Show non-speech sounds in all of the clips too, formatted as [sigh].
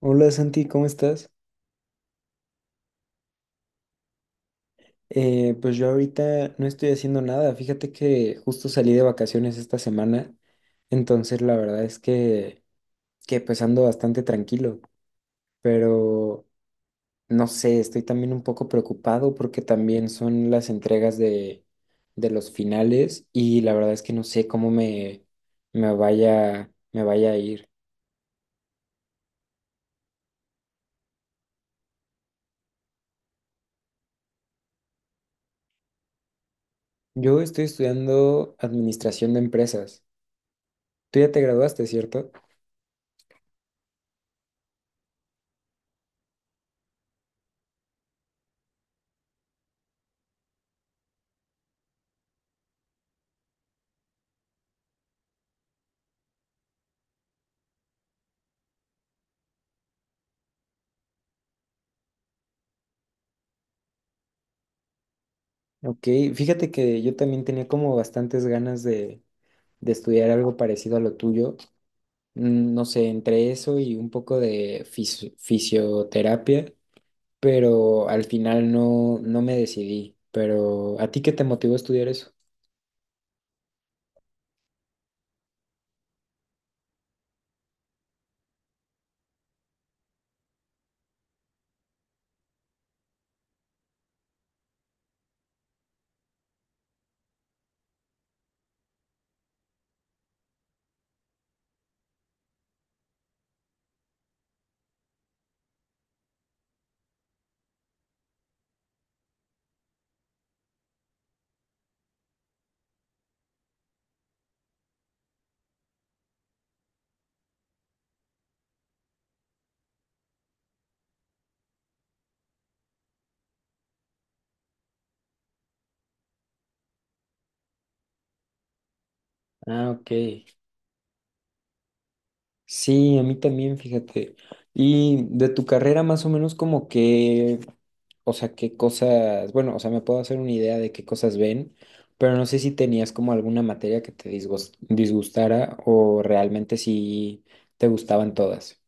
Hola Santi, ¿cómo estás? Pues yo ahorita no estoy haciendo nada. Fíjate que justo salí de vacaciones esta semana, entonces la verdad es que ando bastante tranquilo, pero no sé, estoy también un poco preocupado porque también son las entregas de los finales y la verdad es que no sé cómo me vaya a ir. Yo estoy estudiando administración de empresas. Tú ya te graduaste, ¿cierto? Ok, fíjate que yo también tenía como bastantes ganas de estudiar algo parecido a lo tuyo. No sé, entre eso y un poco de fisioterapia, pero al final no, no me decidí. Pero ¿a ti qué te motivó a estudiar eso? Ah, ok. Sí, a mí también, fíjate. Y de tu carrera más o menos como que, o sea, qué cosas, bueno, o sea, me puedo hacer una idea de qué cosas ven, pero no sé si tenías como alguna materia que te disgustara o realmente si te gustaban todas.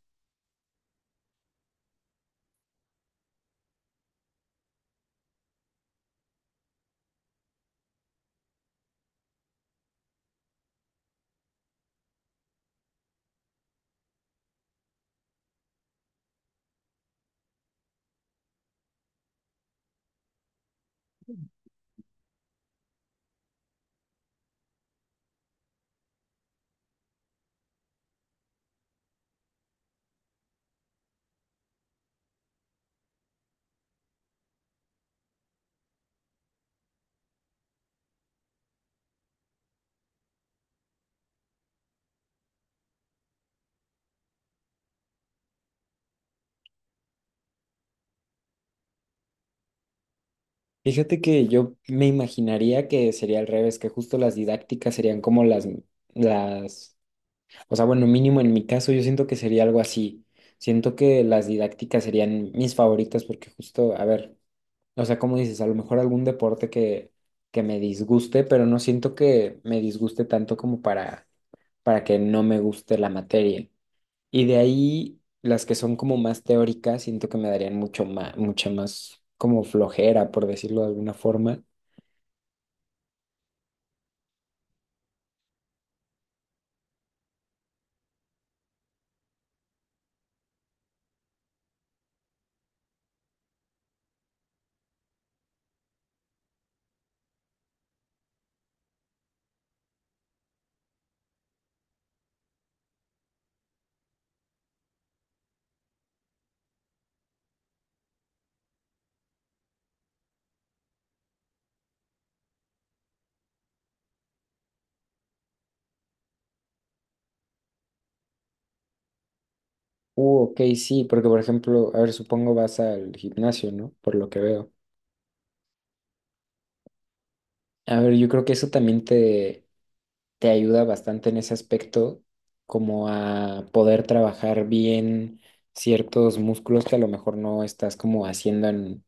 Fíjate que yo me imaginaría que sería al revés, que justo las didácticas serían como las, o sea, bueno, mínimo en mi caso yo siento que sería algo así. Siento que las didácticas serían mis favoritas porque justo, a ver. O sea, como dices, a lo mejor algún deporte que me disguste, pero no siento que me disguste tanto como para que no me guste la materia. Y de ahí, las que son como más teóricas, siento que me darían mucho más, mucha más como flojera, por decirlo de alguna forma. Ok, sí, porque por ejemplo, a ver, supongo vas al gimnasio, ¿no? Por lo que veo. A ver, yo creo que eso también te ayuda bastante en ese aspecto, como a poder trabajar bien ciertos músculos que a lo mejor no estás como haciendo en,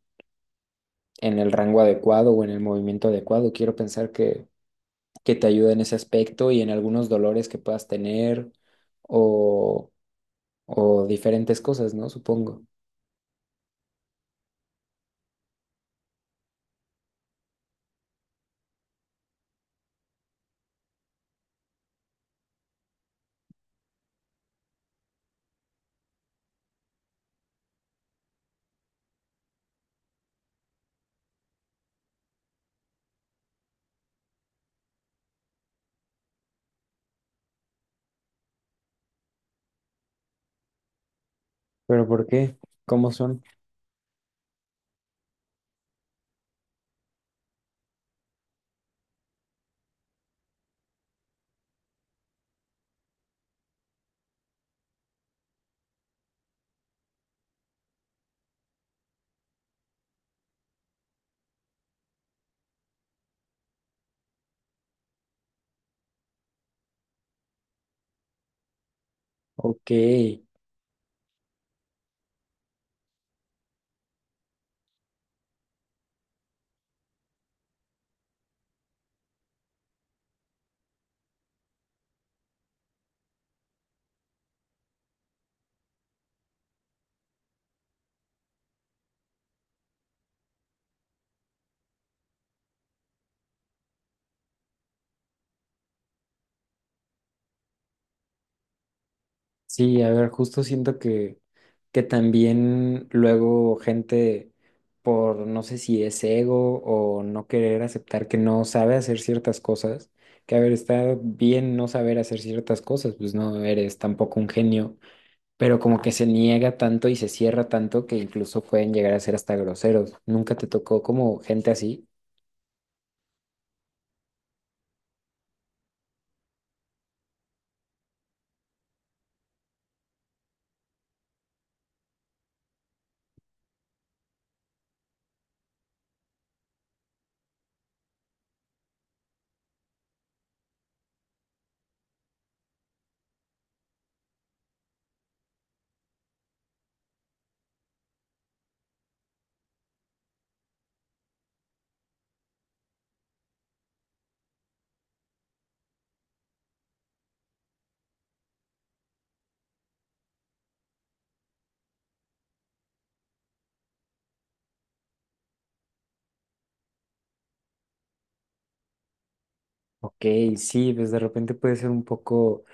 en el rango adecuado o en el movimiento adecuado. Quiero pensar que te ayuda en ese aspecto y en algunos dolores que puedas tener o, o diferentes cosas, ¿no? Supongo. ¿Pero por qué? ¿Cómo son? Ok. Sí, a ver, justo siento que también luego gente por no sé si es ego o no querer aceptar que no sabe hacer ciertas cosas, que a ver, está bien no saber hacer ciertas cosas, pues no eres tampoco un genio, pero como que se niega tanto y se cierra tanto que incluso pueden llegar a ser hasta groseros. ¿Nunca te tocó como gente así? Ok, sí, pues de repente puede ser un poco,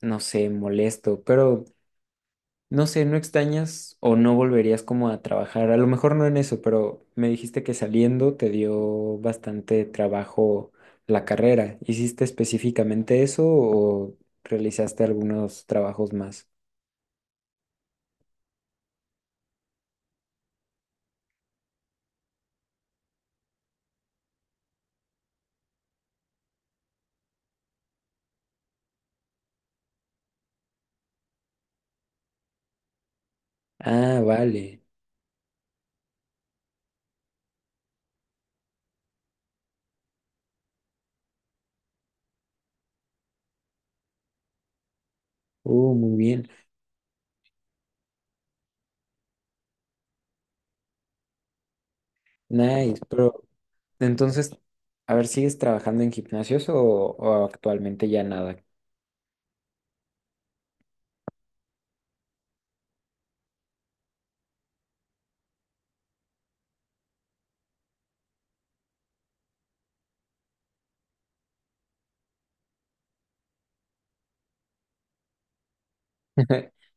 no sé, molesto, pero... No sé, ¿no extrañas o no volverías como a trabajar? A lo mejor no en eso, pero me dijiste que saliendo te dio bastante trabajo la carrera. ¿Hiciste específicamente eso o realizaste algunos trabajos más? Ah, vale. Muy bien. Nice. Pero entonces, a ver, ¿sigues trabajando en gimnasios o actualmente ya nada? [laughs]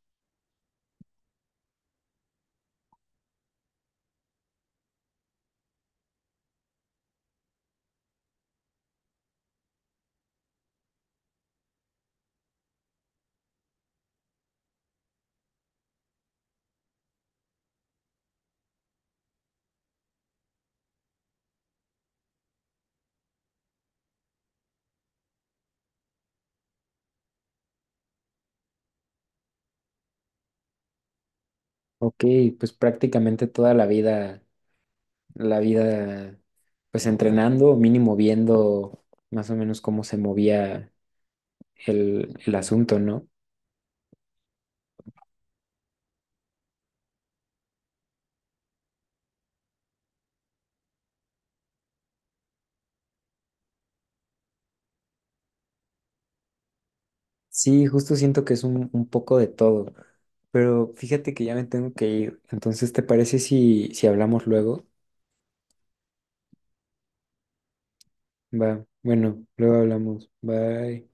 Ok, pues prácticamente toda la vida. La vida, pues entrenando, mínimo viendo más o menos cómo se movía el asunto, ¿no? Sí, justo siento que es un poco de todo, pero fíjate que ya me tengo que ir, entonces, ¿te parece si hablamos luego? Va, bueno, luego hablamos, bye.